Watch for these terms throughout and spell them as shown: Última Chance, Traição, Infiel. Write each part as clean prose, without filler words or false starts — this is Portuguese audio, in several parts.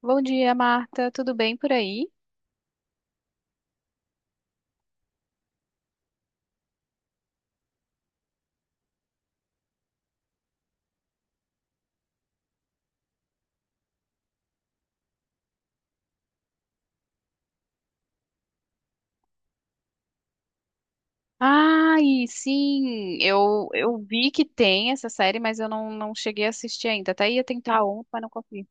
Bom dia, Marta. Tudo bem por aí? Ai, sim, eu vi que tem essa série, mas eu não cheguei a assistir ainda. Até ia tentar ontem, mas não consegui.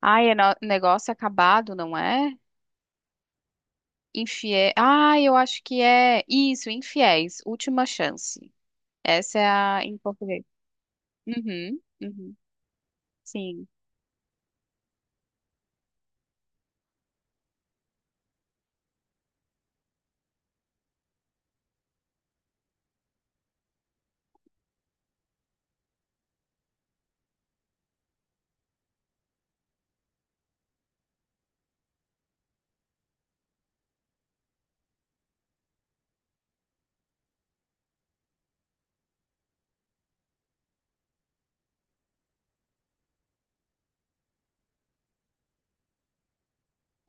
Ai, é negócio acabado, não é? Infiel. Ai, eu acho que é isso, Infiéis, Última Chance. Essa é a em português. Uhum, uhum, sim.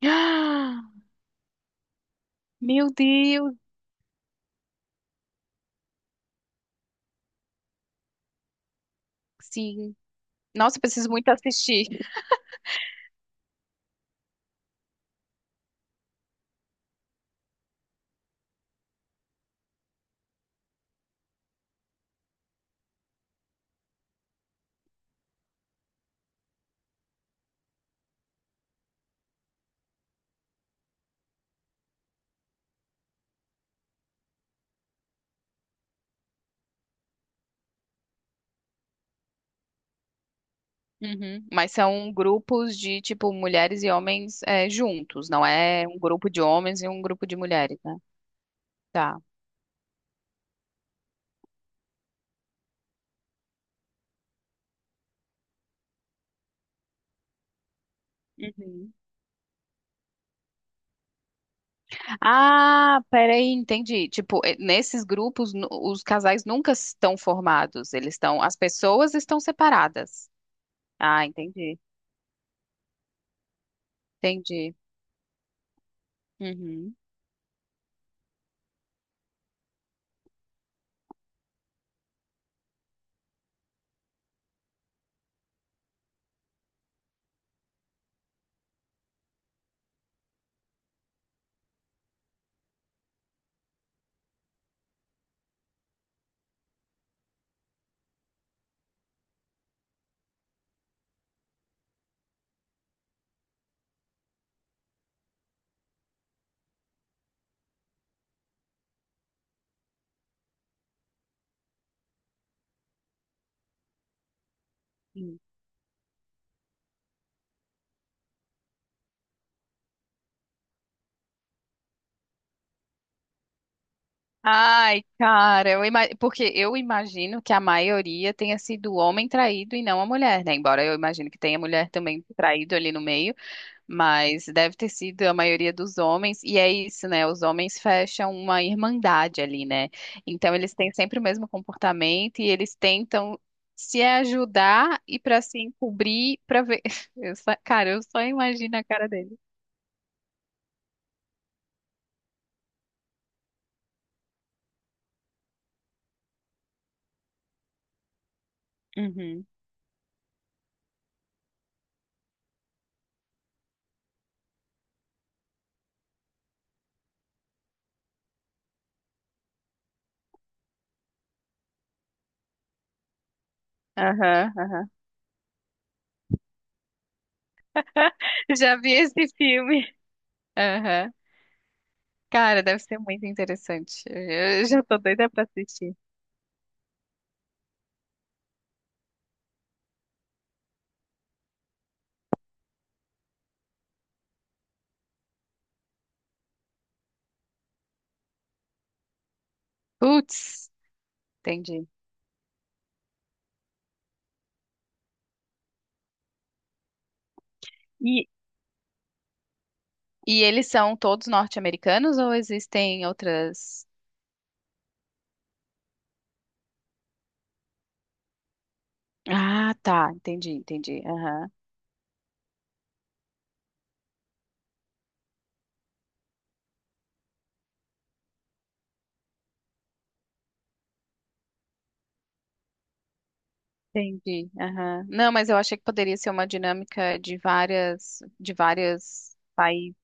Ah, meu Deus, sim. Nossa, eu preciso muito assistir. Uhum. Mas são grupos de, tipo, mulheres e homens é, juntos, não é um grupo de homens e um grupo de mulheres, né? Tá. Uhum. Ah, peraí, entendi. Tipo, nesses grupos, os casais nunca estão formados, eles estão, as pessoas estão separadas. Ah, entendi, entendi. Uhum. Sim. Ai, cara, porque eu imagino que a maioria tenha sido o homem traído e não a mulher, né? Embora eu imagino que tenha mulher também traído ali no meio. Mas deve ter sido a maioria dos homens, e é isso, né? Os homens fecham uma irmandade ali, né? Então eles têm sempre o mesmo comportamento e eles tentam se ajudar e para se encobrir, para ver. Cara, eu só imagino a cara dele. Uhum. Aham, aham. Já vi esse filme. Aham. Cara, deve ser muito interessante. Eu já tô doida pra assistir. Putz, entendi. E, e eles são todos norte-americanos ou existem outras. Ah, tá, entendi, entendi. Aham. Entendi. Aham. Não, mas eu achei que poderia ser uma dinâmica de várias países.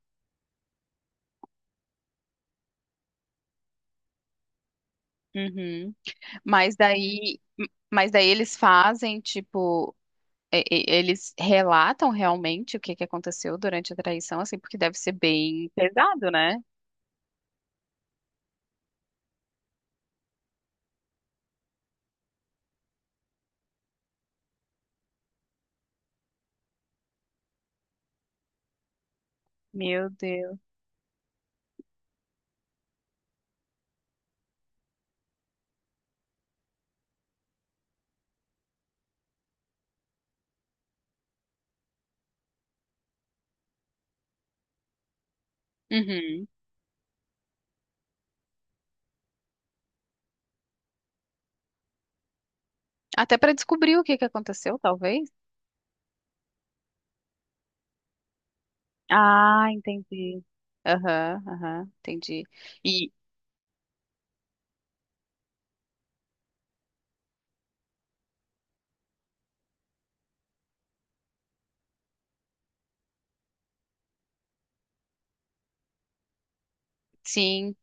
Uhum. Mas daí, mas daí eles fazem, tipo, eles relatam realmente o que que aconteceu durante a traição, assim, porque deve ser bem pesado, né? Meu Deus. Uhum. Até para descobrir o que que aconteceu, talvez. Ah, entendi. Aham, aham, entendi. E sim,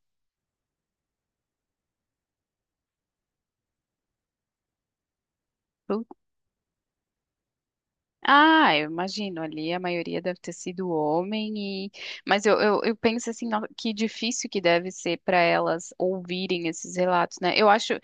ah, eu imagino ali, a maioria deve ter sido homem e mas eu, eu penso assim, que difícil que deve ser para elas ouvirem esses relatos, né?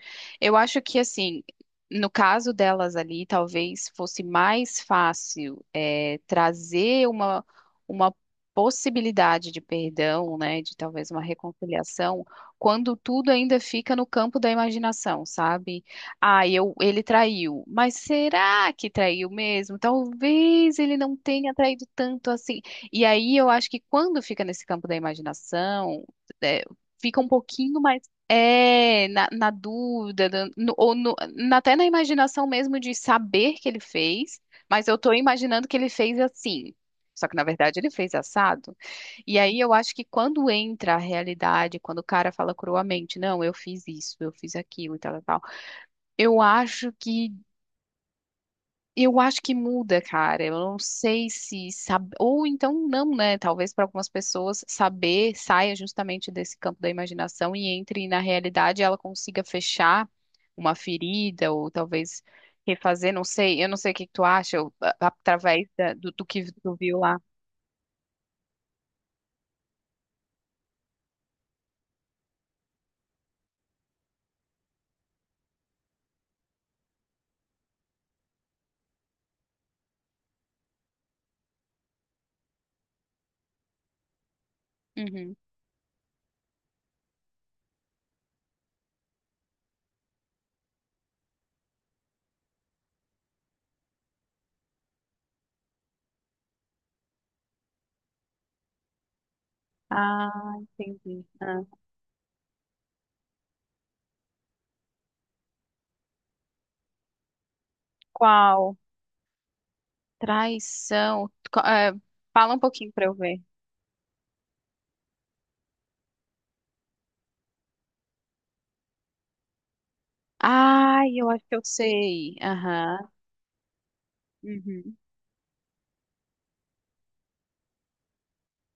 Eu acho que assim, no caso delas ali, talvez fosse mais fácil é, trazer uma possibilidade de perdão, né? De talvez uma reconciliação, quando tudo ainda fica no campo da imaginação, sabe? Ah, eu, ele traiu. Mas será que traiu mesmo? Talvez ele não tenha traído tanto assim. E aí eu acho que quando fica nesse campo da imaginação, é, fica um pouquinho mais. É, na, na dúvida, da- no- ou no- na- até na imaginação mesmo de saber que ele fez, mas eu tô imaginando que ele fez assim. Só que na verdade ele fez assado. E aí eu acho que quando entra a realidade, quando o cara fala cruamente, não, eu fiz isso, eu fiz aquilo e tal, tal, tal, eu acho que eu acho que muda, cara. Eu não sei se sabe ou então não, né? Talvez para algumas pessoas saber saia justamente desse campo da imaginação e entre na realidade, ela consiga fechar uma ferida ou talvez refazer, não sei. Eu não sei o que que tu acha ou, através do, do que tu viu lá. Uhum. Ah, entendi. Ah. Qual? Traição. Fala um pouquinho para eu ver. Ai, eu acho que eu sei. Aham. Uhum.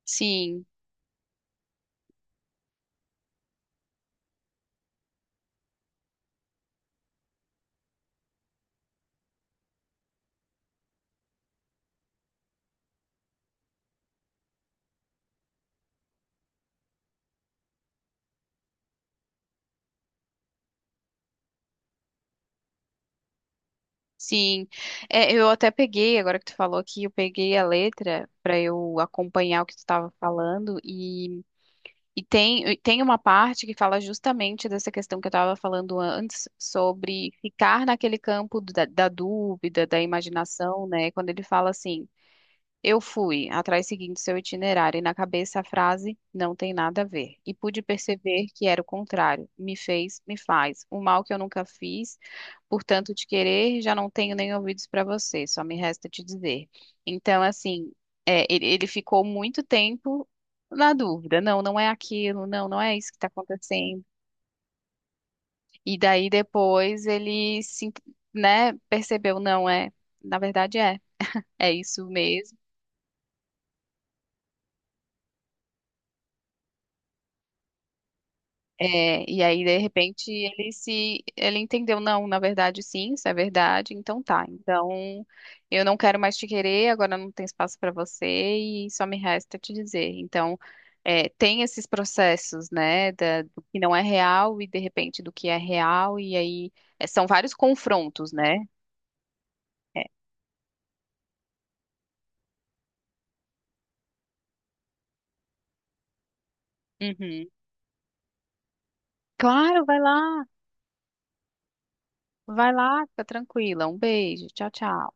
Sim, sim. É, eu até peguei, agora que tu falou aqui, eu peguei a letra para eu acompanhar o que tu estava falando e tem uma parte que fala justamente dessa questão que eu estava falando antes sobre ficar naquele campo da, da dúvida, da imaginação, né? Quando ele fala assim, eu fui atrás seguindo seu itinerário e na cabeça a frase não tem nada a ver. E pude perceber que era o contrário. Me fez, me faz. O mal que eu nunca fiz, portanto te querer, já não tenho nem ouvidos para você, só me resta te dizer. Então, assim, é, ele ficou muito tempo na dúvida. Não, não é aquilo, não, não é isso que está acontecendo. E daí depois ele se, né, percebeu, não é, na verdade é. É isso mesmo. É, e aí, de repente, ele se, ele entendeu, não, na verdade, sim, isso é verdade, então tá. Então, eu não quero mais te querer, agora não tem espaço para você e só me resta te dizer. Então, é, tem esses processos, né, do que não é real e, de repente, do que é real, e aí, é, são vários confrontos, né? É. Uhum. Claro, vai lá, fica tranquila. Um beijo, tchau, tchau.